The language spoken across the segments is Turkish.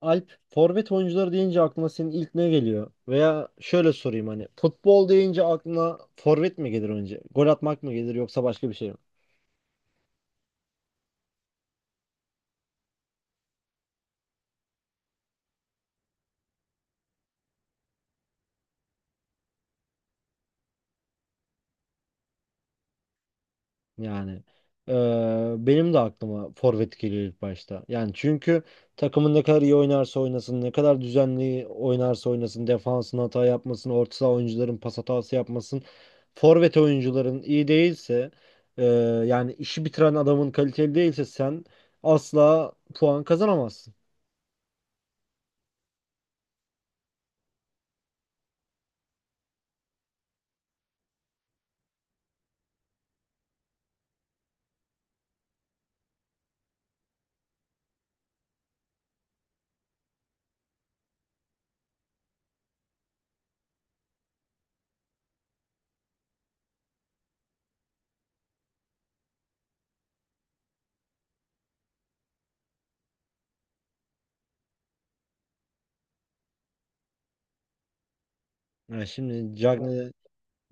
Alp, forvet oyuncuları deyince aklına senin ilk ne geliyor? Veya şöyle sorayım hani futbol deyince aklına forvet mi gelir önce? Gol atmak mı gelir yoksa başka bir şey mi? Yani benim de aklıma forvet geliyor ilk başta. Yani çünkü takımın ne kadar iyi oynarsa oynasın, ne kadar düzenli oynarsa oynasın, defansın hata yapmasın, orta saha oyuncuların pas hatası yapmasın. Forvet oyuncuların iyi değilse, eee, yani işi bitiren adamın kaliteli değilse sen asla puan kazanamazsın. Ya şimdi Cagne,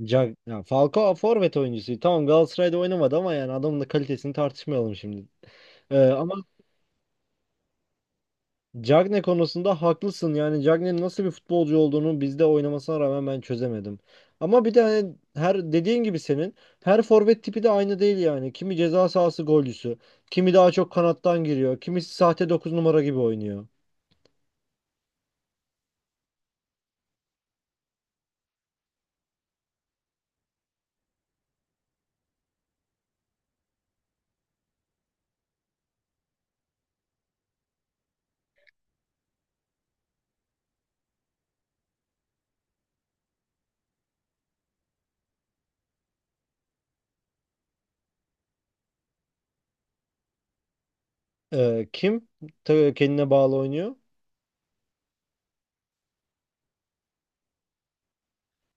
Ya Falcao forvet oyuncusu. Tamam Galatasaray'da oynamadı ama yani adamın da kalitesini tartışmayalım şimdi. Ama Cagne konusunda haklısın. Yani Cagne'nin nasıl bir futbolcu olduğunu bizde oynamasına rağmen ben çözemedim. Ama bir de hani her dediğin gibi senin her forvet tipi de aynı değil yani. Kimi ceza sahası golcüsü, kimi daha çok kanattan giriyor, kimisi sahte 9 numara gibi oynuyor. Kim kendine bağlı oynuyor?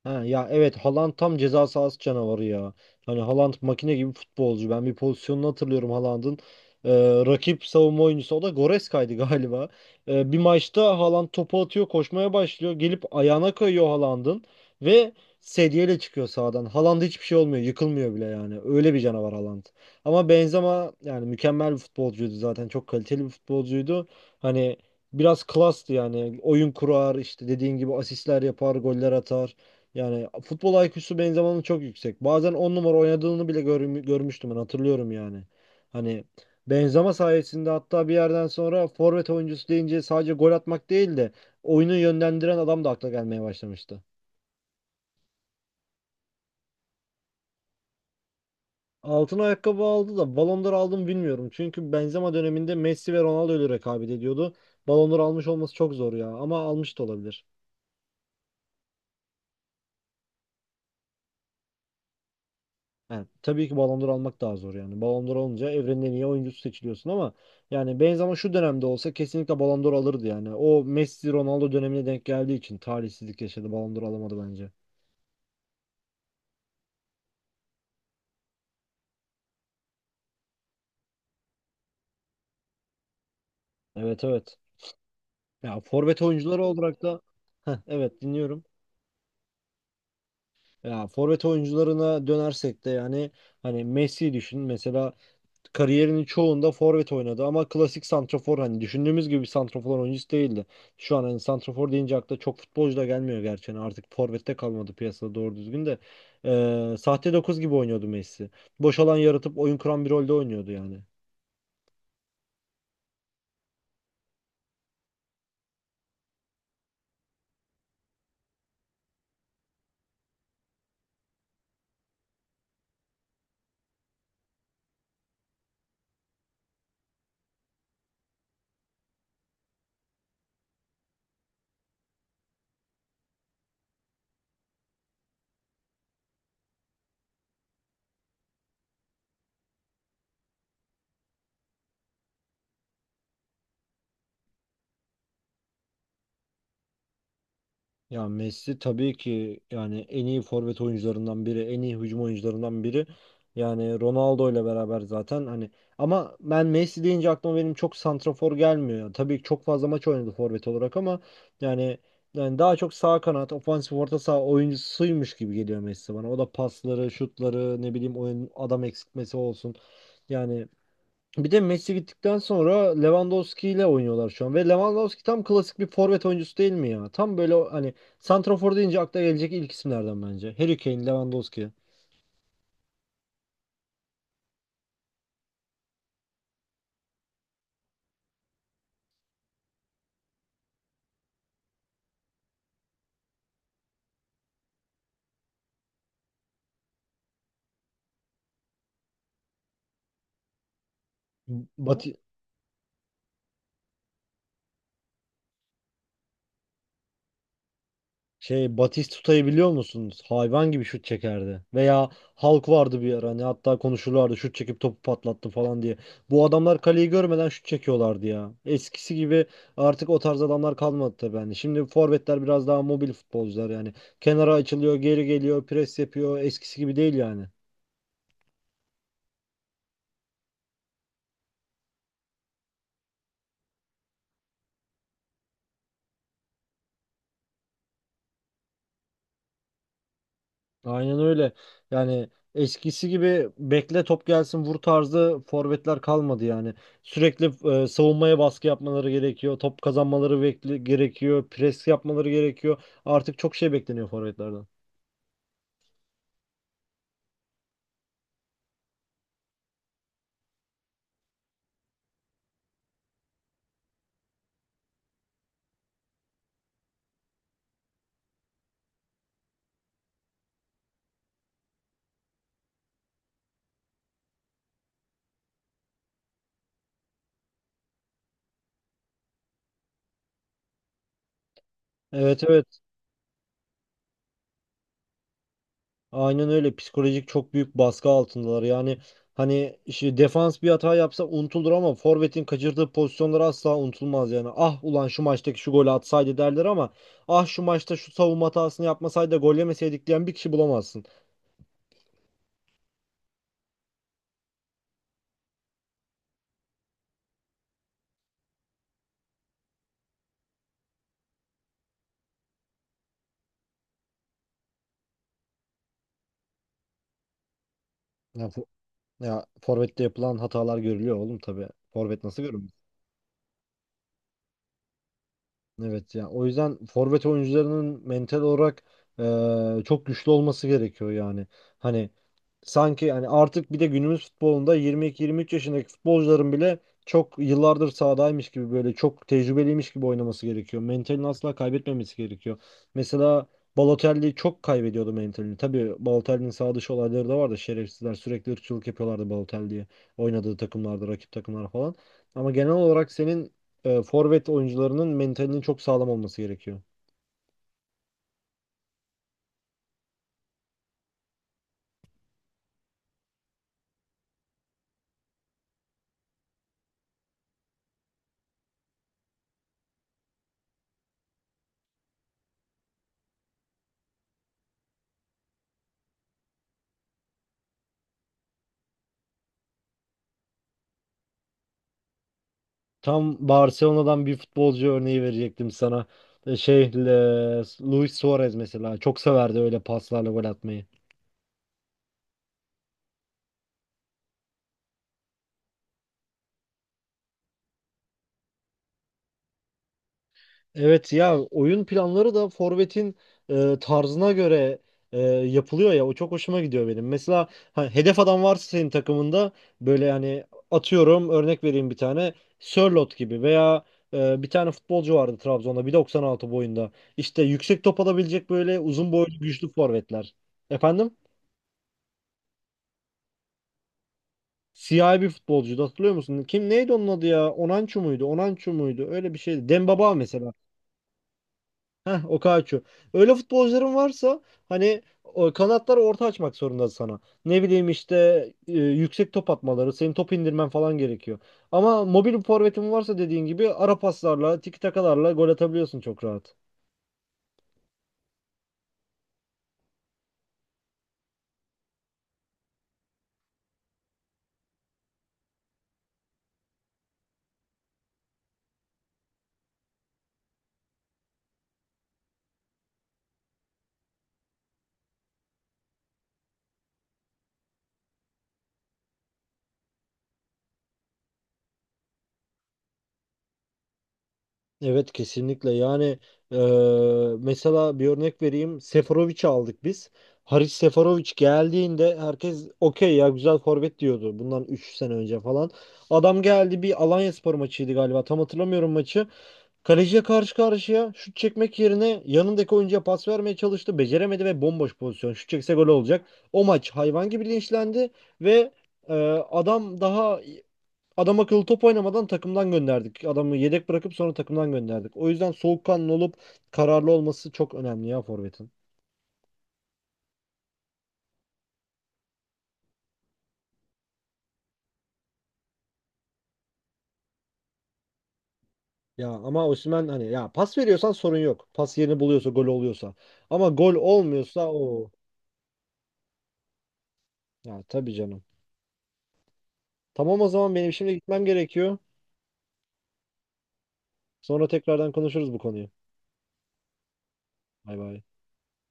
Ha, ya evet Haaland tam ceza sahası canavarı ya. Hani Haaland makine gibi futbolcu. Ben bir pozisyonunu hatırlıyorum Haaland'ın. Ee, rakip savunma oyuncusu o da Goreska'ydı galiba. Bir maçta Haaland topu atıyor, koşmaya başlıyor. Gelip ayağına kayıyor Haaland'ın ve sedyeyle çıkıyor sahadan. Haaland'a hiçbir şey olmuyor, yıkılmıyor bile yani. Öyle bir canavar Haaland. Ama Benzema yani mükemmel bir futbolcuydu zaten. Çok kaliteli bir futbolcuydu. Hani biraz klastı yani. Oyun kurar, işte dediğin gibi asistler yapar, goller atar. Yani futbol IQ'su Benzema'nın çok yüksek. Bazen 10 numara oynadığını bile görmüştüm ben hatırlıyorum yani. Hani Benzema sayesinde hatta bir yerden sonra forvet oyuncusu deyince sadece gol atmak değil de oyunu yönlendiren adam da akla gelmeye başlamıştı. Altın ayakkabı aldı da Ballon d'Or aldı mı bilmiyorum. Çünkü Benzema döneminde Messi ve Ronaldo ile rekabet ediyordu. Ballon d'Or almış olması çok zor ya ama almış da olabilir. Yani tabii ki Ballon d'Or almak daha zor yani. Ballon d'Or olunca evrenin en iyi oyuncusu seçiliyorsun ama yani Benzema şu dönemde olsa kesinlikle Ballon d'Or alırdı yani. O Messi Ronaldo dönemine denk geldiği için talihsizlik yaşadı. Ballon d'Or alamadı bence. Evet, evet. Ya forvet oyuncuları olarak da. Heh, evet, dinliyorum. Ya forvet oyuncularına dönersek de yani hani Messi düşün mesela kariyerinin çoğunda forvet oynadı ama klasik santrafor hani düşündüğümüz gibi bir santrafor oyuncusu değildi. Şu an hani santrafor deyince akla çok futbolcu da gelmiyor gerçi. Yani artık forvette kalmadı piyasada doğru düzgün de. Sahte 9 gibi oynuyordu Messi. Boş alan yaratıp oyun kuran bir rolde oynuyordu yani. Ya Messi tabii ki yani en iyi forvet oyuncularından biri, en iyi hücum oyuncularından biri. Yani Ronaldo ile beraber zaten hani ama ben Messi deyince aklıma benim çok santrafor gelmiyor. Yani tabii ki çok fazla maç oynadı forvet olarak ama yani yani daha çok sağ kanat, ofansif orta saha oyuncusuymuş gibi geliyor Messi bana. O da pasları, şutları, ne bileyim oyun adam eksiltmesi olsun. Yani bir de Messi gittikten sonra Lewandowski ile oynuyorlar şu an. Ve Lewandowski tam klasik bir forvet oyuncusu değil mi ya? Tam böyle hani santrafor deyince akla gelecek ilk isimlerden bence. Harry Kane, Lewandowski. Bat Batistuta'yı biliyor musunuz? Hayvan gibi şut çekerdi. Veya Hulk vardı bir ara. Hani hatta konuşurlardı şut çekip topu patlattı falan diye. Bu adamlar kaleyi görmeden şut çekiyorlardı ya. Eskisi gibi artık o tarz adamlar kalmadı tabii hani. Şimdi forvetler biraz daha mobil futbolcular yani. Kenara açılıyor, geri geliyor, pres yapıyor. Eskisi gibi değil yani. Aynen öyle. Yani eskisi gibi bekle top gelsin vur tarzı forvetler kalmadı yani. Sürekli savunmaya baskı yapmaları gerekiyor. Top kazanmaları gerekiyor. Pres yapmaları gerekiyor. Artık çok şey bekleniyor forvetlerden. Evet, evet. Aynen öyle. Psikolojik çok büyük baskı altındalar. Yani hani işte defans bir hata yapsa unutulur ama forvetin kaçırdığı pozisyonlar asla unutulmaz yani. Ah ulan şu maçtaki şu golü atsaydı derler ama ah şu maçta şu savunma hatasını yapmasaydı da gol yemeseydik diyen bir kişi bulamazsın. Ya, ya forvette yapılan hatalar görülüyor oğlum tabii. Forvet nasıl görünmüyor? Evet ya o yüzden forvet oyuncularının mental olarak çok güçlü olması gerekiyor yani. Hani sanki hani artık bir de günümüz futbolunda 22-23 yaşındaki futbolcuların bile çok yıllardır sahadaymış gibi böyle çok tecrübeliymiş gibi oynaması gerekiyor. Mentalini asla kaybetmemesi gerekiyor. Mesela Balotelli çok kaybediyordu mentalini. Tabii Balotelli'nin sağ dışı olayları da vardı. Şerefsizler sürekli ırkçılık yapıyorlardı Balotelli'ye oynadığı takımlarda, rakip takımlara falan. Ama genel olarak senin forvet oyuncularının mentalinin çok sağlam olması gerekiyor. Tam Barcelona'dan bir futbolcu örneği verecektim sana. E, Şey, e, Luis Suarez mesela çok severdi öyle paslarla gol atmayı. Evet ya oyun planları da forvetin tarzına göre yapılıyor ya, o çok hoşuma gidiyor benim. Mesela hedef adam varsa senin takımında böyle yani atıyorum örnek vereyim bir tane Sörloth gibi veya bir tane futbolcu vardı Trabzon'da 1.96 boyunda. İşte yüksek top alabilecek böyle uzun boylu güçlü forvetler. Efendim? Siyahi bir futbolcuydu hatırlıyor musun? Kim neydi onun adı ya? Onançu muydu? Onançu muydu? Öyle bir şeydi. Dembaba mesela. Heh, Okaçu. Öyle futbolcuların varsa hani o kanatları orta açmak zorunda sana. Ne bileyim işte yüksek top atmaları, senin top indirmen falan gerekiyor. Ama mobil bir forvetin varsa dediğin gibi ara paslarla, tiki takalarla gol atabiliyorsun çok rahat. Evet kesinlikle yani e, mesela bir örnek vereyim, Seferovic'i aldık biz. Haris Seferovic geldiğinde herkes okey ya güzel forvet diyordu bundan 3 sene önce falan. Adam geldi, bir Alanyaspor maçıydı galiba, tam hatırlamıyorum maçı. Kaleciye karşı karşıya şut çekmek yerine yanındaki oyuncuya pas vermeye çalıştı. Beceremedi ve bomboş pozisyon. Şut çekse gol olacak. O maç hayvan gibi linçlendi ve e, adam daha adam akıllı top oynamadan takımdan gönderdik. Adamı yedek bırakıp sonra takımdan gönderdik. O yüzden soğukkanlı olup kararlı olması çok önemli ya forvetin. Ya ama Osimhen hani ya pas veriyorsan sorun yok. Pas yerini buluyorsa, gol oluyorsa. Ama gol olmuyorsa o, ya tabii canım. Tamam, o zaman benim şimdi gitmem gerekiyor. Sonra tekrardan konuşuruz bu konuyu. Bay bay.